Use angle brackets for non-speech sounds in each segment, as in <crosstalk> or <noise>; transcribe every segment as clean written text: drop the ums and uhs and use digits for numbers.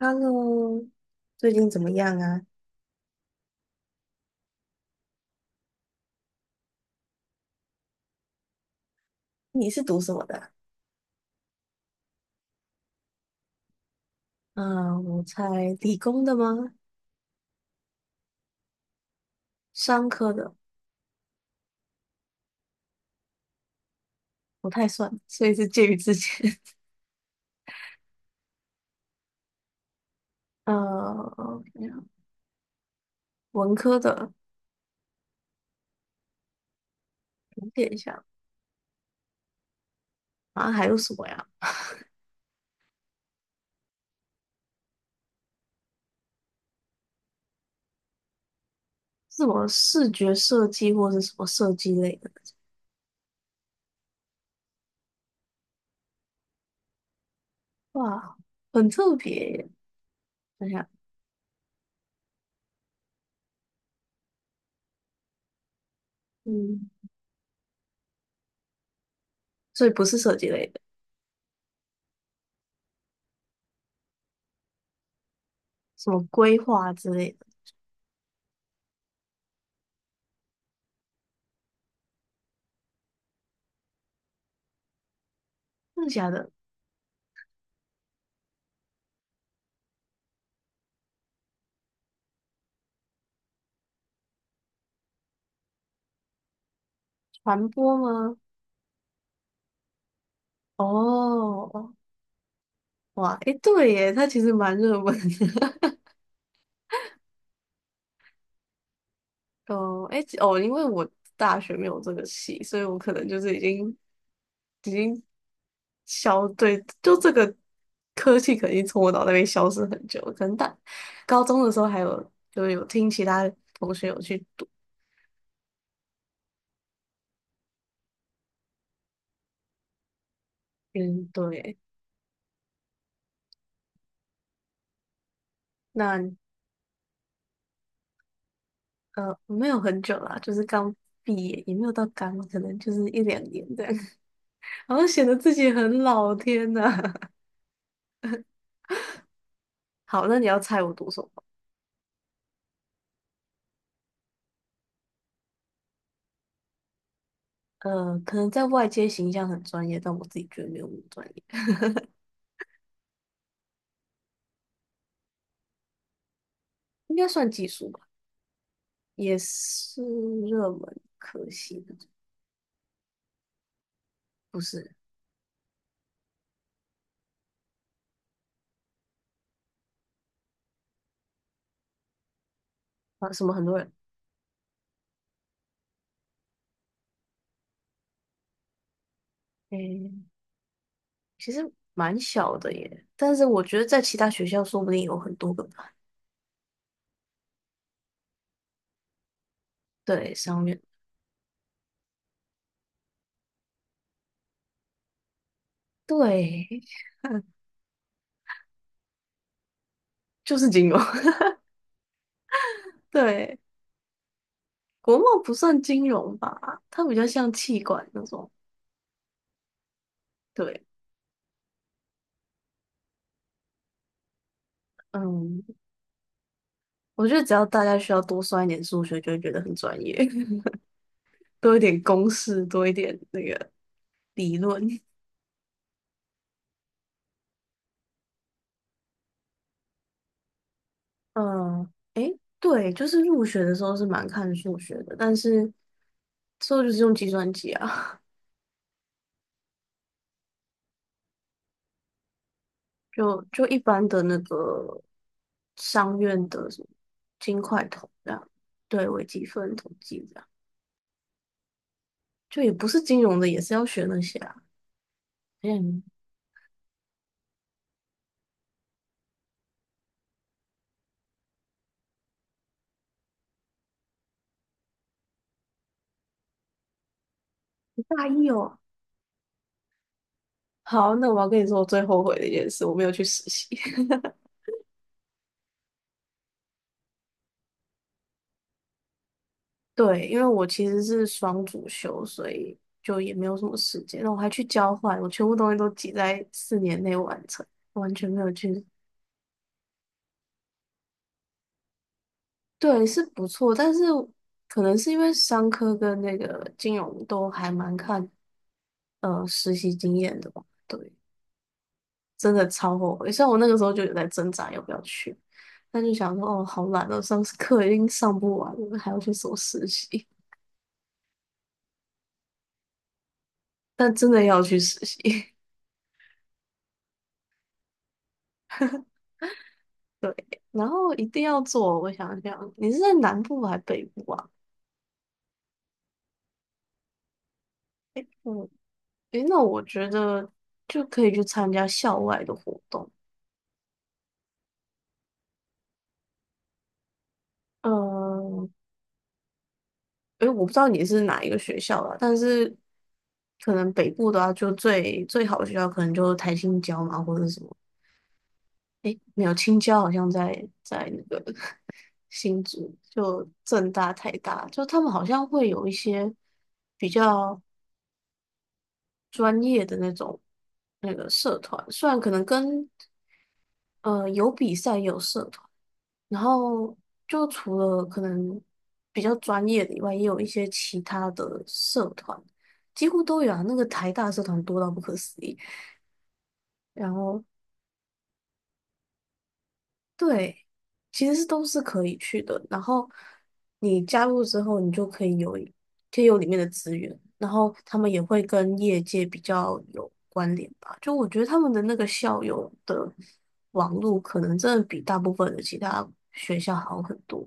Hello，最近怎么样啊？你是读什么的啊？嗯，我猜理工的吗？商科的不太算，所以是介于之间。<laughs> 呃，文科的有点像，好像还有什么呀？<laughs> 是什么视觉设计或是什么设计类的？哇，很特别耶！等一下，嗯，所以不是设计类的，什么规划之类的？真的假的？传播吗？哦，哇，诶，对耶，它其实蛮热门的。<laughs> 哦，诶，哦，因为我大学没有这个系，所以我可能就是已经消，对，就这个科技肯定从我脑袋里消失很久了，可能大高中的时候还有，就是有听其他同学有去读，嗯，对。那没有很久啦，就是刚毕业，也没有到刚，可能就是一两年这样，<laughs> 好像显得自己很老，天呐。<laughs> 好，那你要猜我读什么？可能在外界形象很专业，但我自己觉得没有那么专业，应该算技术吧，也是热门科系的，不是。啊？什么很多人，诶，其实蛮小的耶，但是我觉得在其他学校说不定有很多个吧。对，上面对，就是金融，<laughs> 对，国贸不算金融吧，它比较像气管那种，对。嗯，我觉得只要大家需要多算一点数学，就会觉得很专业，<laughs> 多一点公式，多一点那个。理论。<laughs> 嗯，诶，对，就是入学的时候是蛮看数学的，但是之后就是用计算机啊，<laughs> 就一般的那个商院的什么金块统这样，对，微积分、统计这样，就也不是金融的，也是要学那些啊。嗯，你大一哦。好，那我要跟你说我最后悔的一件事，我没有去实习。<laughs> 对，因为我其实是双主修，所以就也没有什么时间。然后我还去交换，我全部东西都挤在四年内完成，完全没有去。对，是不错，但是可能是因为商科跟那个金融都还蛮看实习经验的吧。对，真的超后悔。像我那个时候就有在挣扎要不要去，但就想说哦，好懒哦，上课已经上不完了，还要去什么实习？<laughs> 但真的要去实习。然后一定要做，我想想，你是在南部还是北部啊？嗯，诶，那我觉得就可以去参加校外的活动。嗯，诶，我不知道你是哪一个学校啦，但是可能北部的话，就最最好的学校可能就台青交嘛，或者是什么。诶，没有，青交好像在那个 <laughs> 新竹，就政大、台大，就他们好像会有一些比较专业的那种那个社团，虽然可能跟有比赛，有社团，然后就除了可能比较专业的以外，也有一些其他的社团，几乎都有啊。那个台大社团多到不可思议，然后对，其实是都是可以去的。然后你加入之后，你就可以有里面的资源，然后他们也会跟业界比较有关联吧。就我觉得他们的那个校友的网络，可能真的比大部分的其他学校好很多。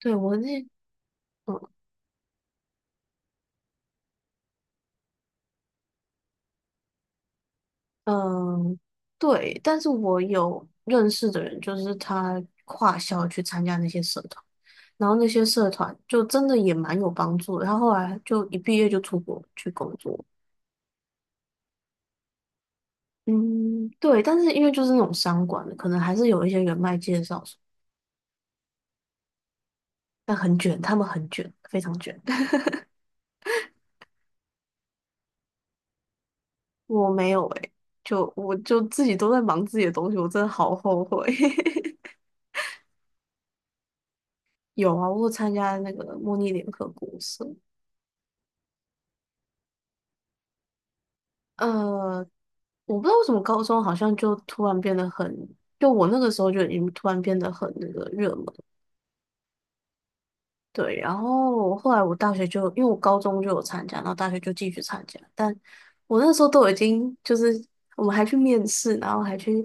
对，我那嗯嗯，对，但是我有认识的人，就是他跨校去参加那些社团。然后那些社团就真的也蛮有帮助的。他后来就一毕业就出国去工作，嗯，对。但是因为就是那种商管的，可能还是有一些人脉介绍什么，但很卷，他们很卷，非常卷。<laughs> 我没有诶、就我就自己都在忙自己的东西，我真的好后悔。<laughs> 有啊，我有参加那个模拟联合国社。呃，我不知道为什么高中好像就突然变得很，就我那个时候就已经突然变得很那个热门。对，然后后来我大学就，因为我高中就有参加，然后大学就继续参加，但我那时候都已经就是我们还去面试，然后还去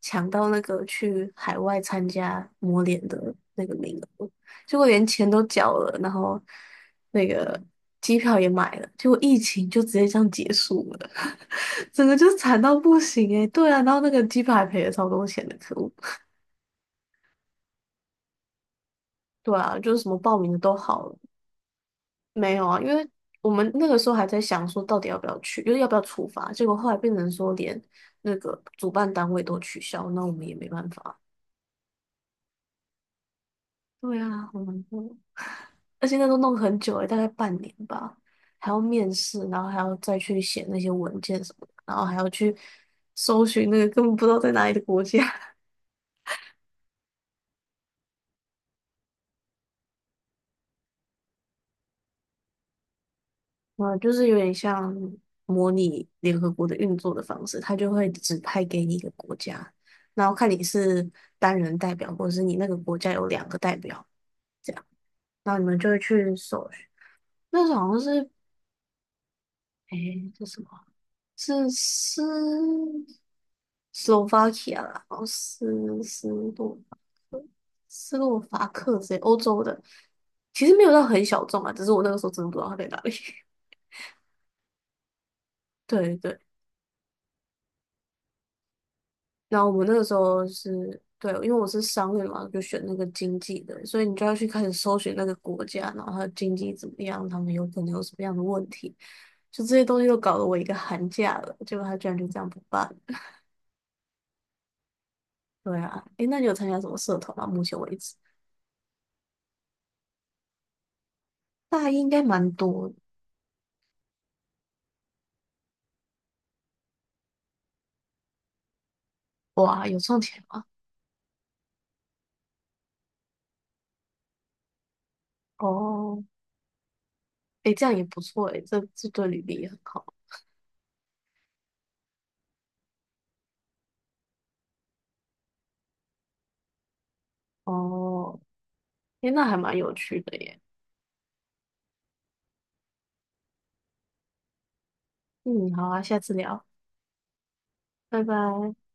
抢到那个去海外参加模联的那个名额，结果连钱都缴了，然后那个机票也买了，结果疫情就直接这样结束了，<laughs> 整个就惨到不行诶、对啊，然后那个机票还赔了超多钱的，可恶。对啊，就是什么报名的都好了。没有啊，因为我们那个时候还在想说到底要不要去，就是要不要处罚，结果后来变成说连那个主办单位都取消，那我们也没办法。对啊，好难过，而且那都弄很久了，大概半年吧，还要面试，然后还要再去写那些文件什么的，然后还要去搜寻那个根本不知道在哪里的国家。嗯，就是有点像模拟联合国的运作的方式，它就会指派给你一个国家，然后看你是单人代表，或者是你那个国家有两个代表，这样，然后你们就会去搜寻。那时候好像是，诶，是什么？是斯洛伐克啦，然后斯洛斯洛伐克这些欧洲的，其实没有到很小众啊，只是我那个时候真的不知道它在哪里。<laughs> 对对。然后我们那个时候是，对，因为我是商院嘛，就选那个经济的，所以你就要去开始搜寻那个国家，然后它的经济怎么样，他们有可能有什么样的问题，就这些东西都搞得我一个寒假了，结果他居然就这样不办了。对啊，诶，那你有参加什么社团吗？目前为止，大一应该蛮多的。哇，有赚钱吗？哦，诶，这样也不错诶，这对履历也很好。哦，诶，那还蛮有趣的耶。嗯，好啊，下次聊，拜拜。